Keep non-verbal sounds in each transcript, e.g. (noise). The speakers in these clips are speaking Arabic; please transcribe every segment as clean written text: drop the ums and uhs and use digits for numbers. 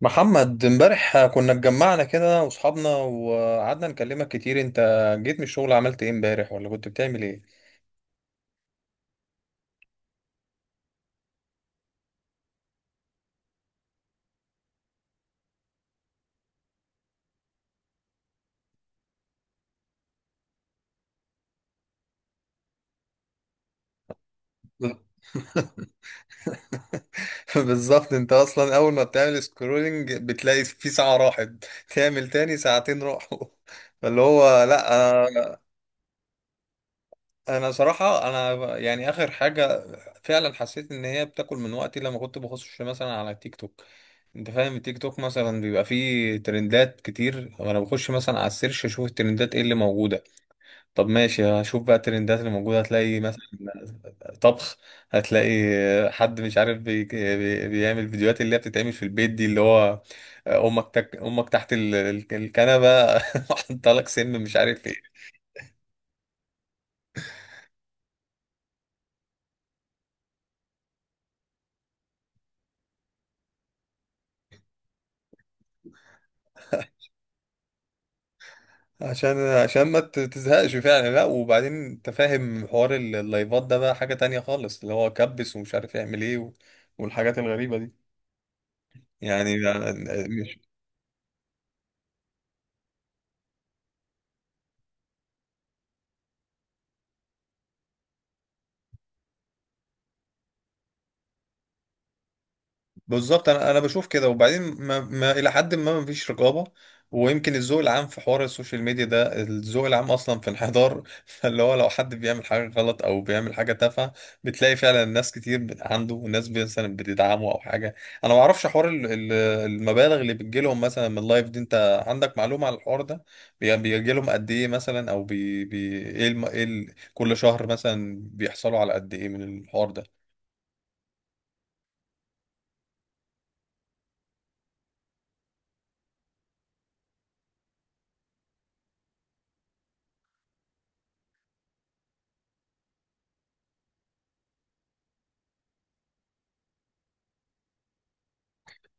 محمد، امبارح كنا اتجمعنا كده واصحابنا وقعدنا نكلمك كتير. انت جيت من الشغل عملت ايه امبارح ولا كنت بتعمل ايه؟ (laughs) بالظبط، انت اصلا اول ما بتعمل سكرولنج بتلاقي في ساعة راحت. تعمل تاني ساعتين راحوا. (laughs) فاللي هو لا، انا صراحة انا يعني اخر حاجة. فعلا حسيت ان هي بتاكل من وقتي لما كنت بخش مثلا على تيك توك. انت فاهم، التيك توك مثلا بيبقى فيه ترندات كتير وانا بخش مثلا على السيرش اشوف الترندات ايه اللي موجودة. طب ماشي، هشوف بقى الترندات اللي موجودة. هتلاقي مثلا طبخ. هتلاقي حد مش عارف بيعمل فيديوهات اللي هي بتتعمل في البيت دي، اللي هو أمك تحت الكنبة. (laughs) حاطة لك سم مش عارف ايه. عشان ما ت- تزهقش فعلا. لا، وبعدين انت فاهم حوار اللايفات ده بقى حاجة تانية خالص، اللي هو كبس ومش عارف يعمل ايه والحاجات الغريبة دي يعني. بالظبط، انا بشوف كده، وبعدين ما الى حد ما فيش رقابه. ويمكن الذوق العام في حوار السوشيال ميديا ده، الذوق العام اصلا في انحدار. (laughs) فاللي هو لو حد بيعمل حاجه غلط او بيعمل حاجه تافهه، بتلاقي فعلا ناس كتير عنده، وناس مثلا بتدعمه او حاجه. انا ما اعرفش حوار المبالغ اللي بتجيلهم مثلا من اللايف دي. انت عندك معلومه على الحوار ده؟ بيجيلهم قد ايه مثلا؟ او بي بي ايه الم... ايه ال... كل شهر مثلا بيحصلوا على قد ايه من الحوار ده؟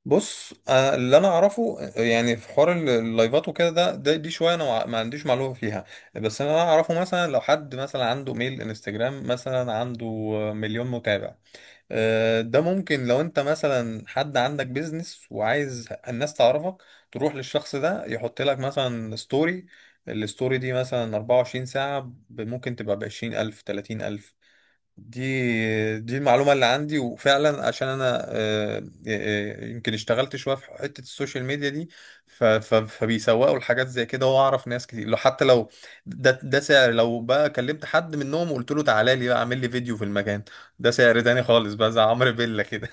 بص، اللي انا اعرفه، يعني في حوار اللايفات وكده، ده, ده دي شويه انا ما عنديش معلومه فيها. بس انا اعرفه مثلا لو حد مثلا عنده ميل انستجرام، مثلا عنده مليون متابع، ده ممكن لو انت مثلا، حد عندك بيزنس وعايز الناس تعرفك، تروح للشخص ده يحط لك مثلا ستوري. الستوري دي مثلا 24 ساعه، ممكن تبقى ب 20,000 30,000. دي المعلومة اللي عندي، وفعلا عشان انا، يمكن اشتغلت شوية في حتة السوشيال ميديا دي، فبيسوقوا لحاجات زي كده. واعرف ناس كتير، لو حتى لو ده سعر، لو بقى كلمت حد منهم وقلت له تعالى لي بقى اعمل لي فيديو في المكان، ده سعر تاني خالص بقى، زي عمرو بيلا كده.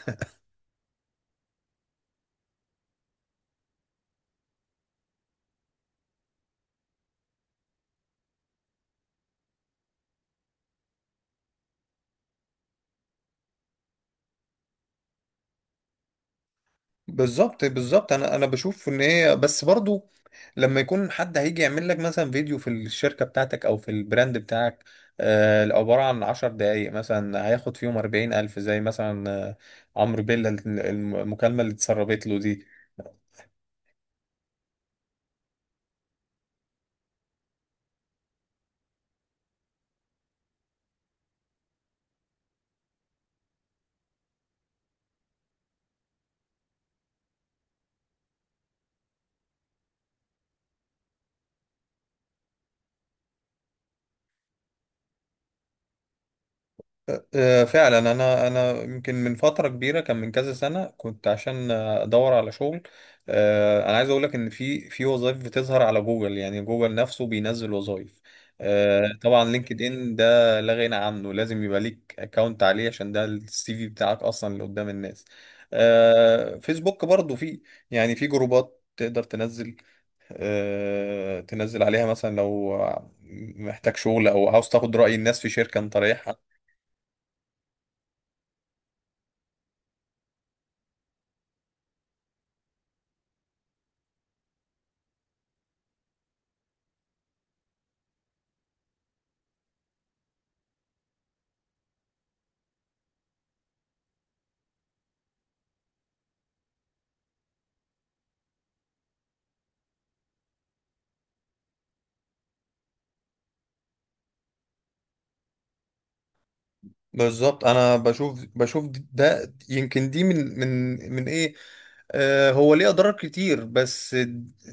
بالظبط، انا بشوف ان هي، بس برضو لما يكون حد هيجي يعمل لك مثلا فيديو في الشركه بتاعتك او في البراند بتاعك، عباره عن 10 دقائق مثلا هياخد فيهم 40 الف، زي مثلا عمرو بيلا، المكالمه اللي اتسربت له دي. فعلا، انا يمكن من فتره كبيره، كان من كذا سنه كنت عشان ادور على شغل. انا عايز اقول لك ان في وظائف بتظهر على جوجل. يعني جوجل نفسه بينزل وظائف. طبعا لينكد ان ده لا غنى عنه. لازم يبقى ليك اكونت عليه، عشان ده السي في بتاعك اصلا اللي قدام الناس. فيسبوك برضو في، يعني في جروبات تقدر تنزل عليها مثلا لو محتاج شغل، او عاوز تاخد رأي الناس في شركة انت رايحها. بالظبط، انا بشوف ده يمكن دي من من ايه، هو ليه اضرار كتير، بس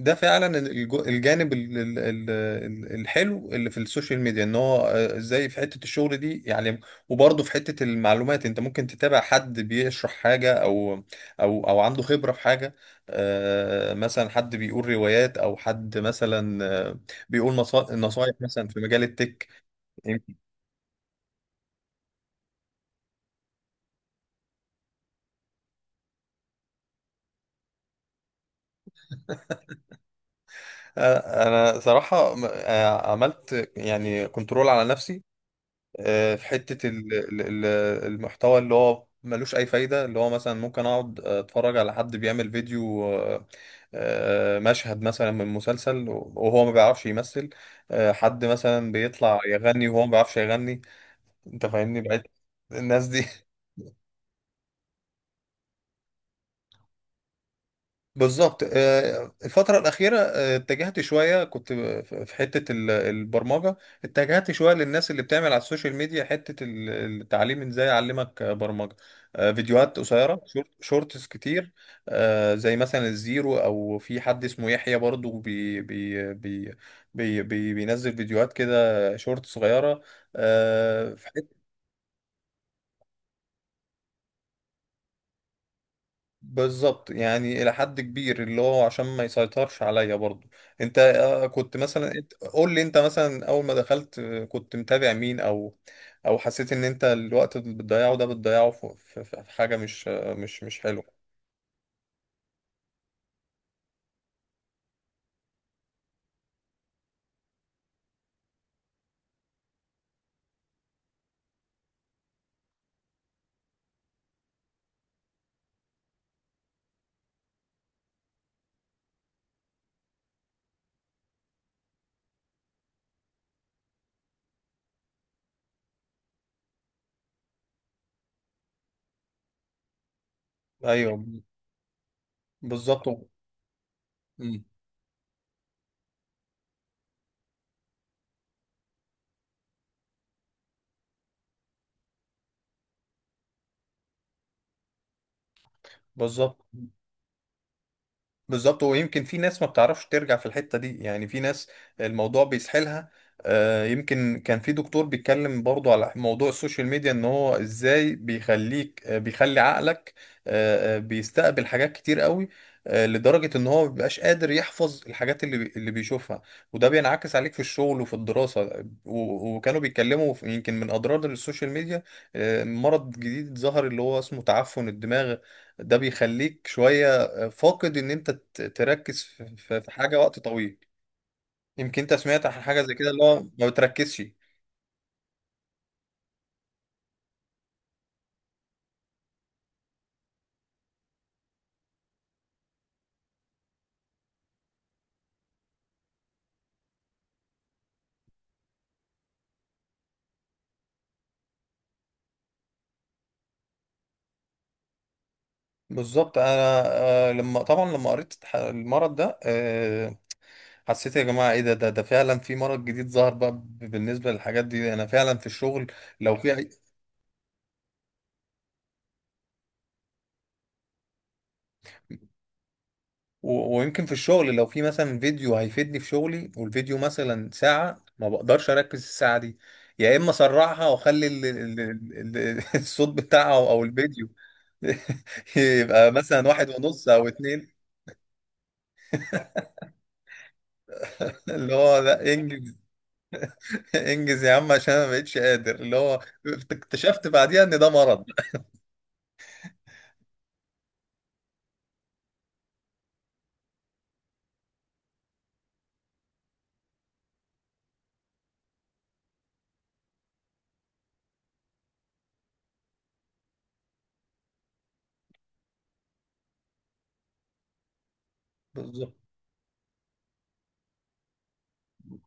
ده فعلا الجانب الحلو اللي في السوشيال ميديا. ان هو ازاي في حتة الشغل دي يعني، وبرضه في حتة المعلومات انت ممكن تتابع حد بيشرح حاجة او او عنده خبرة في حاجة. مثلا حد بيقول روايات، او حد مثلا نصايح مثلا في مجال التك. انا صراحه، عملت يعني كنترول على نفسي، في حته المحتوى اللي هو ملوش اي فايده، اللي هو مثلا ممكن اقعد اتفرج على حد بيعمل فيديو مشهد مثلا من مسلسل وهو ما بيعرفش يمثل، حد مثلا بيطلع يغني وهو ما بيعرفش يغني. انت فاهمني بقيت الناس دي. (laughs) بالظبط، الفترة الأخيرة، اتجهت شوية، كنت في حتة البرمجة، اتجهت شوية للناس اللي بتعمل على السوشيال ميديا حتة التعليم، ازاي أعلمك برمجة. فيديوهات قصيرة، شورتس كتير، زي مثلا الزيرو، أو في حد اسمه يحيى برضو بي بي بي بي بي بينزل فيديوهات كده شورت صغيرة. آه، بالظبط، يعني الى حد كبير، اللي هو عشان ما يسيطرش عليا برضو. انت كنت مثلا، قول لي انت مثلا اول ما دخلت كنت متابع مين، او حسيت ان انت الوقت اللي بتضيعه ده، بتضيعه في في حاجة مش آه، مش مش حلوة. ايوه. بالظبط. مم. بالظبط، بالظبط. ويمكن في ناس ما بتعرفش ترجع في الحتة دي. يعني في ناس الموضوع بيسحلها. يمكن كان في دكتور بيتكلم برضو على موضوع السوشيال ميديا، ان هو ازاي بيخلي عقلك بيستقبل حاجات كتير قوي، لدرجة ان هو ما بيبقاش قادر يحفظ الحاجات اللي بيشوفها، وده بينعكس عليك في الشغل وفي الدراسة. وكانوا بيتكلموا يمكن من اضرار السوشيال ميديا مرض جديد ظهر اللي هو اسمه تعفن الدماغ. ده بيخليك شوية فاقد ان انت تركز في في حاجه وقت طويل. يمكن انت سمعت عن حاجه زي كده، اللي هو ما بتركزش. بالظبط، انا لما طبعا لما قريت المرض ده، حسيت يا جماعه ايه ده، ده فعلا في مرض جديد ظهر بقى. بالنسبه للحاجات دي، انا فعلا في الشغل لو في أي- ويمكن في الشغل لو في مثلا فيديو هيفيدني في شغلي، والفيديو مثلا ساعة، ما بقدرش أركز الساعة دي. يا إما أسرعها وأخلي (laughs) الصوت بتاعها أو الفيديو (laughs) يبقى مثلا 1.5 أو 2. اللي هو لا، إنجز إنجز يا عم، عشان أنا ما بقتش قادر، اللي هو اكتشفت بعديها إن ده مرض. بالظبط،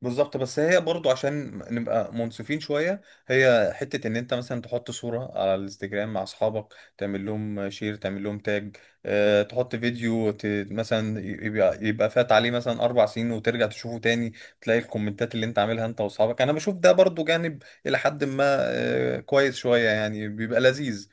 بالظبط، بس هي برضو عشان نبقى منصفين شوية، هي حتة ان انت مثلا تحط صورة على الانستجرام مع اصحابك، تعمل لهم شير، تعمل لهم تاج، اه تحط فيديو مثلا، يبقى فات عليه مثلا 4 سنين وترجع تشوفه تاني، تلاقي الكومنتات اللي انت عاملها انت واصحابك. انا بشوف ده برضو جانب الى حد ما كويس شوية. يعني بيبقى لذيذ.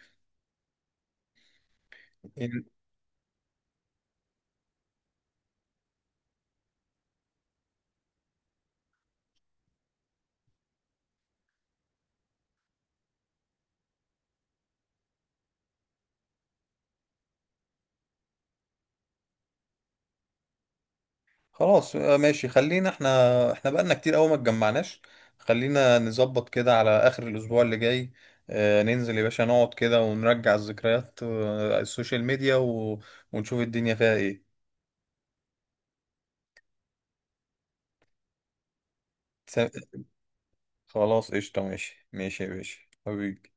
خلاص، ماشي، خلينا، احنا بقالنا كتير قوي ما اتجمعناش. خلينا نظبط كده على اخر الاسبوع اللي جاي، ننزل يا باشا نقعد كده ونرجع الذكريات، السوشيال ميديا ونشوف الدنيا فيها ايه. س- خلاص قشطة، ماشي ماشي يا باشا، حبيبي.